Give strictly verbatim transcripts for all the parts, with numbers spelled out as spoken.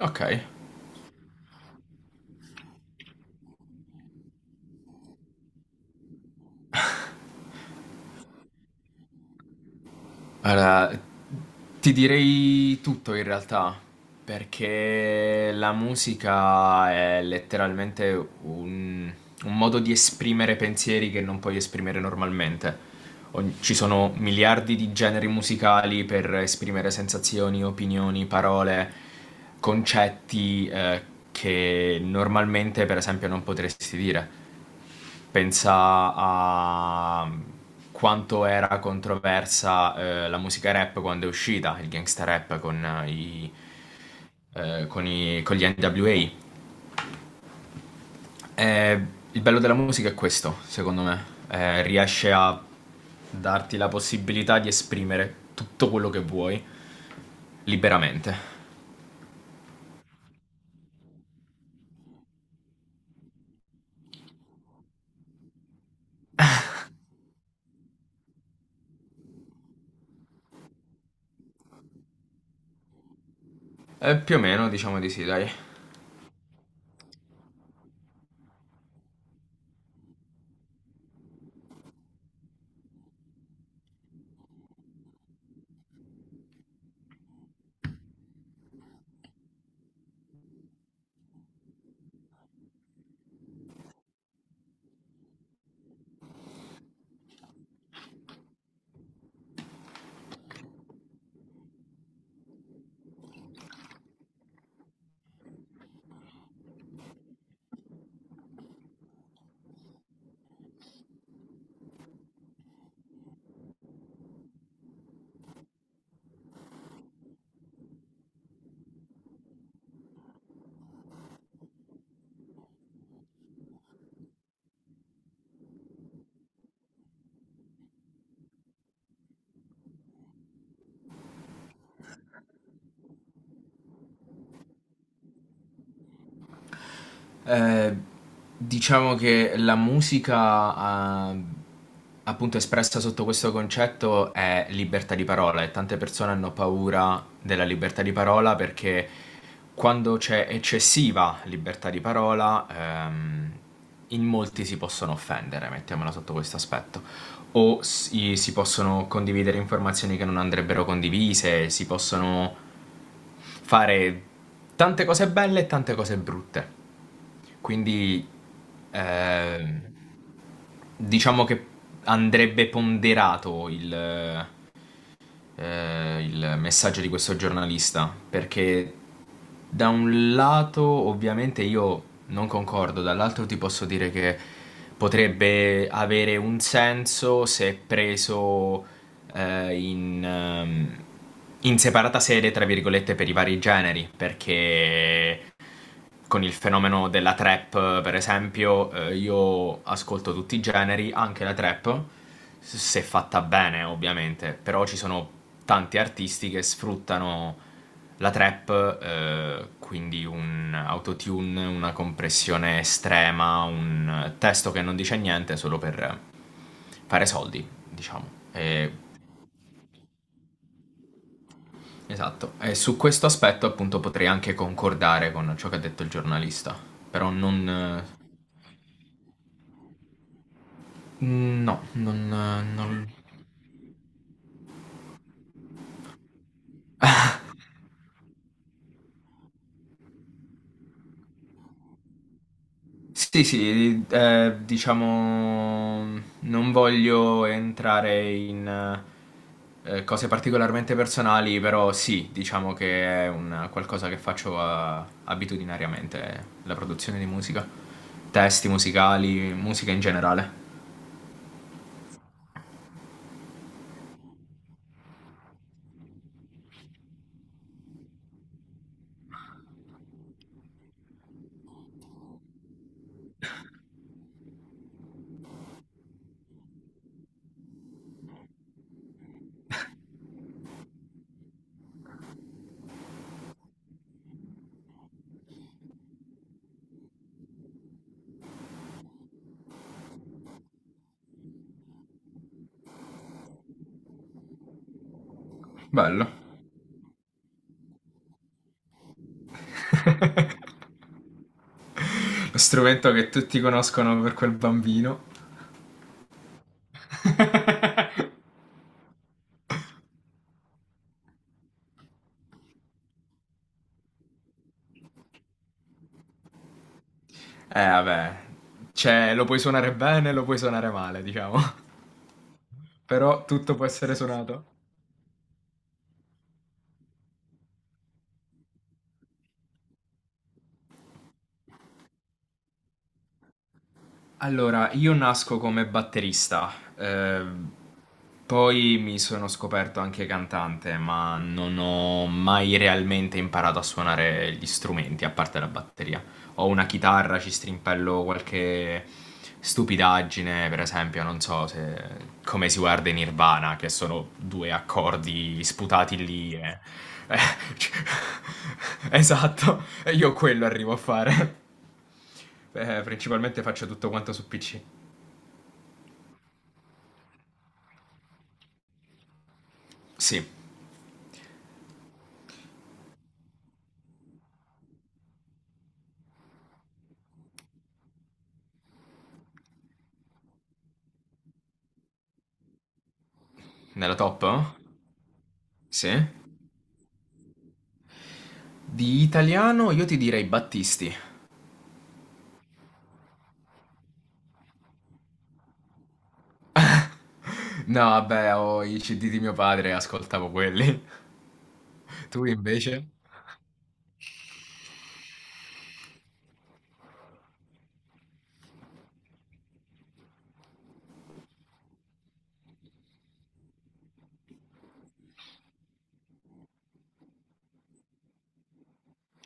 Ok, allora ti direi tutto in realtà, perché la musica è letteralmente un, un modo di esprimere pensieri che non puoi esprimere normalmente. Ogn- Ci sono miliardi di generi musicali per esprimere sensazioni, opinioni, parole, concetti eh, che normalmente, per esempio, non potresti dire. Pensa a quanto era controversa eh, la musica rap quando è uscita, il gangsta rap con, eh, i- eh, con i- con gli N W A. Eh, il bello della musica è questo, secondo me. Eh, riesce a darti la possibilità di esprimere tutto quello che vuoi liberamente. Eh, più o meno, diciamo di sì, dai. Eh, diciamo che la musica, eh, appunto espressa sotto questo concetto, è libertà di parola e tante persone hanno paura della libertà di parola perché quando c'è eccessiva libertà di parola, ehm, in molti si possono offendere, mettiamola sotto questo aspetto. O si, si possono condividere informazioni che non andrebbero condivise, si possono fare tante cose belle e tante cose brutte. Quindi eh, diciamo che andrebbe ponderato il, eh, il messaggio di questo giornalista, perché da un lato ovviamente io non concordo, dall'altro ti posso dire che potrebbe avere un senso se preso eh, in, ehm, in separata sede, tra virgolette, per i vari generi, perché con il fenomeno della trap, per esempio, eh, io ascolto tutti i generi, anche la trap, s- se fatta bene, ovviamente, però ci sono tanti artisti che sfruttano la trap, eh, quindi un autotune, una compressione estrema, un testo che non dice niente solo per fare soldi, diciamo. E- esatto. E su questo aspetto, appunto, potrei anche concordare con ciò che ha detto il giornalista, però non eh, mm, no, non, non- Sì, sì, eh, diciamo, non voglio entrare in eh, cose particolarmente personali, però sì, diciamo che è un qualcosa che faccio eh, abitudinariamente, la produzione di musica, testi musicali, musica in generale. Bello. Lo strumento che tutti conoscono per quel bambino. Eh, vabbè, cioè, lo puoi suonare bene, lo puoi suonare male, diciamo. Però tutto può essere suonato. Allora, io nasco come batterista, ehm, poi mi sono scoperto anche cantante, ma non ho mai realmente imparato a suonare gli strumenti, a parte la batteria. Ho una chitarra, ci strimpello qualche stupidaggine, per esempio, non so se come si guarda in Nirvana, che sono due accordi sputati lì e... Esatto, io quello arrivo a fare. Beh, principalmente faccio tutto quanto su pi ci. Sì, nella top? Sì. Di italiano io ti direi Battisti. No, beh, ho i CD di mio padre, ascoltavo quelli. Tu invece?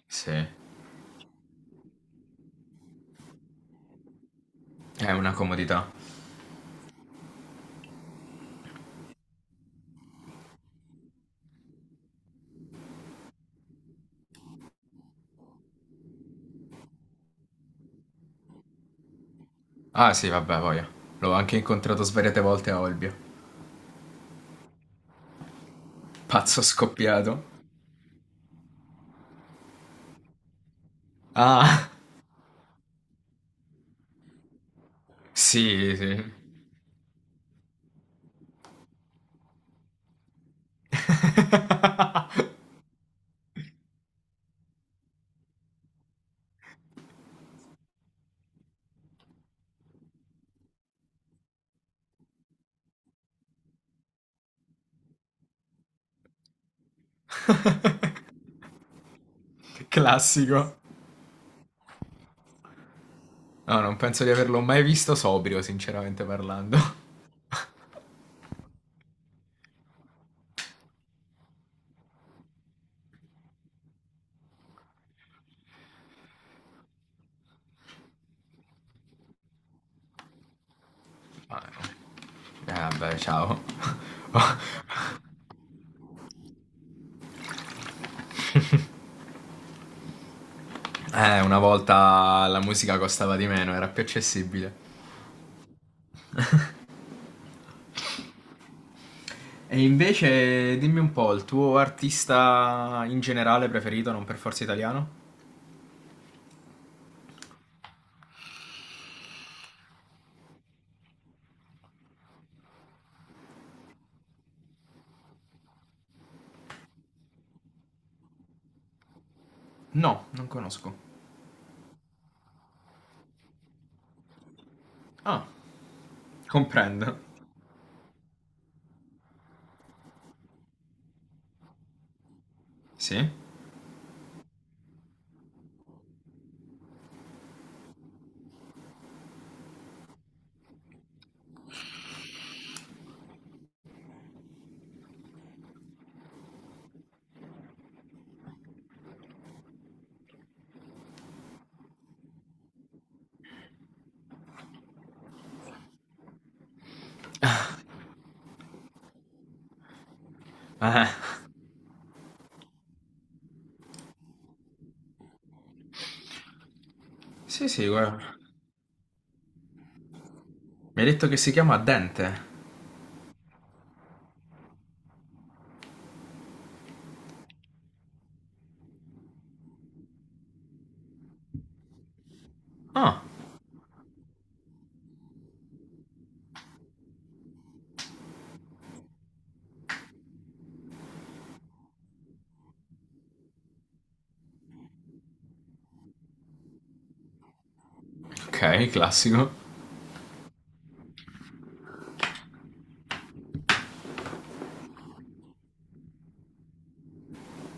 Sì, è una comodità. Ah sì, vabbè, voglio. L'ho anche incontrato svariate volte a Olbia. Pazzo scoppiato. Ah, sì, sì. Classico. No, non penso di averlo mai visto sobrio, sinceramente parlando. Ah, no. Eh vabbè, ciao. Eh, una volta la musica costava di meno, era più accessibile. E invece dimmi un po', il tuo artista in generale preferito, non per forza italiano? No, non conosco. Ah, comprendo. Sì? Eh, sì, sì, guarda. Mi hai detto che si chiama Dente. Ah, ok, classico.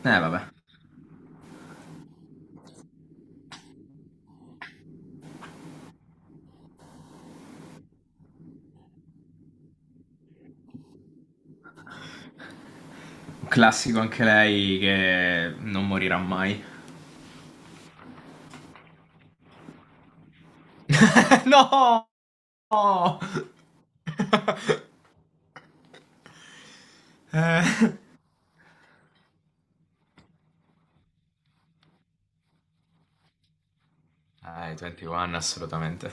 Eh, vabbè. Un classico anche lei che non morirà mai. No! Eh. Eh, i ventuno assolutamente.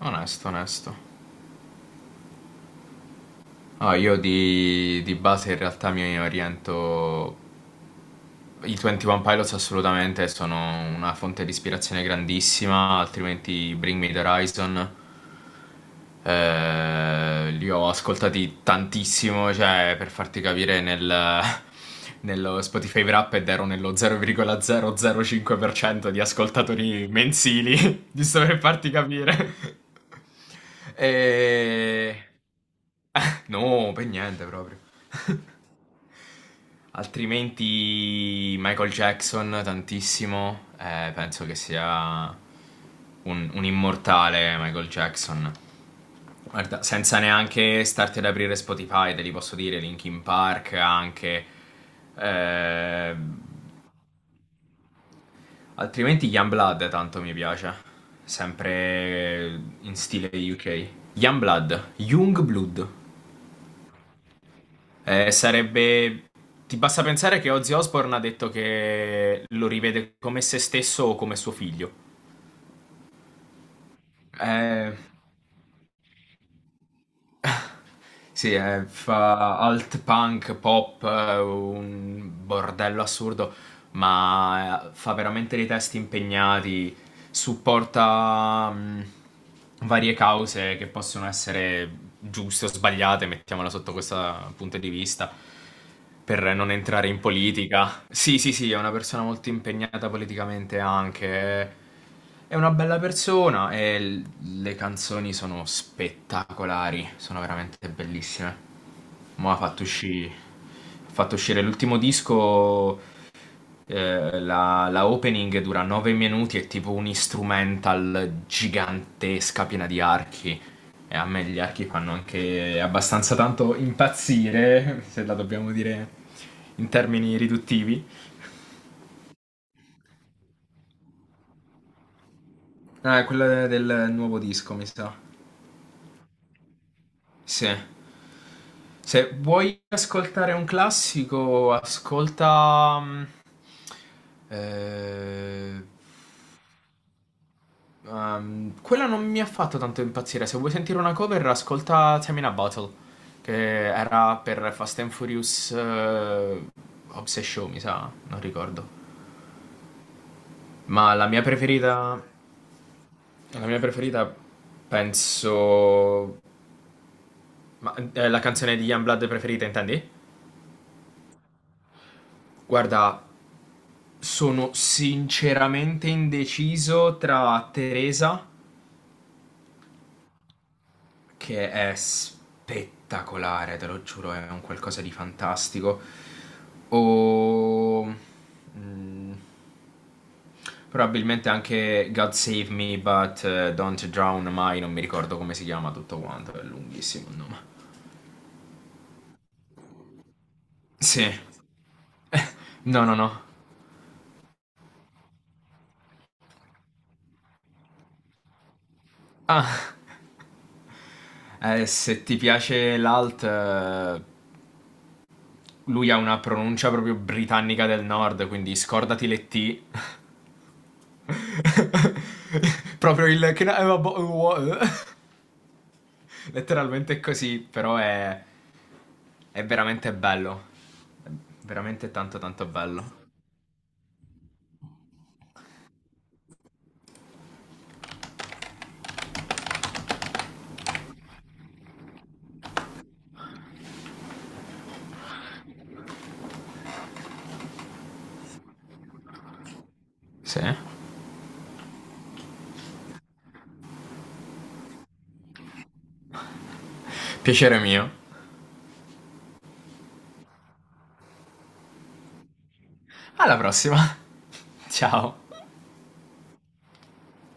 Onesto, onesto. No, io di, di base in realtà mi oriento. I ventuno Pilots assolutamente sono una fonte di ispirazione grandissima, altrimenti Bring Me the Horizon. Eh, li ho ascoltati tantissimo, cioè per farti capire nel, nello Spotify Wrapped ero nello zero virgola zero zero cinque per cento di ascoltatori mensili, giusto per farti capire. E... No, per niente proprio. Altrimenti Michael Jackson tantissimo, eh, penso che sia un, un immortale Michael Jackson. Guarda, senza neanche starti ad aprire Spotify, te li posso dire, Linkin Park anche. Eh, altrimenti Youngblood tanto mi piace, sempre in stile U K. Youngblood, Youngblood. Eh, sarebbe. Ti basta pensare che Ozzy Osbourne ha detto che lo rivede come se stesso o come suo figlio. Eh, sì, eh, fa alt punk, pop, eh, un bordello assurdo, ma eh, fa veramente dei testi impegnati, supporta mh, varie cause che possono essere giuste o sbagliate, mettiamola sotto questo punto di vista. Per non entrare in politica. Sì, sì, sì, è una persona molto impegnata politicamente anche. È una bella persona e l- le canzoni sono spettacolari, sono veramente bellissime. Mo' ha fatto uscire, ha fatto uscire l'ultimo disco eh, la, la opening dura nove minuti, è tipo un instrumental gigantesca piena di archi. E a me gli archi fanno anche abbastanza tanto impazzire, se la dobbiamo dire in termini riduttivi. Ah, quella del nuovo disco, mi sa. Sì. Se vuoi ascoltare un classico, ascolta. mm, eh, Ehm, quella non mi ha fatto tanto impazzire. Se vuoi sentire una cover, ascolta Tamina Battle, che era per Fast and Furious eh, Obsession, mi sa, non ricordo. Ma la mia preferita, la mia preferita penso. Ma eh, la canzone di Youngblood preferita, intendi? Guarda, sono sinceramente indeciso tra Teresa che è spettacolare, te lo giuro, è un qualcosa di fantastico. O mm, probabilmente anche God Save Me, but eh, Don't Drown Mai, non mi ricordo come si chiama tutto quanto, è lunghissimo il nome. Sì, no, no, no. Ah, eh, se ti piace l'alt, eh, lui ha una pronuncia proprio britannica del nord, quindi scordati le T. proprio il... Can I have a bo- Letteralmente è così, però è, è veramente bello. È veramente tanto tanto bello. Sì. Piacere mio. Alla prossima. Ciao.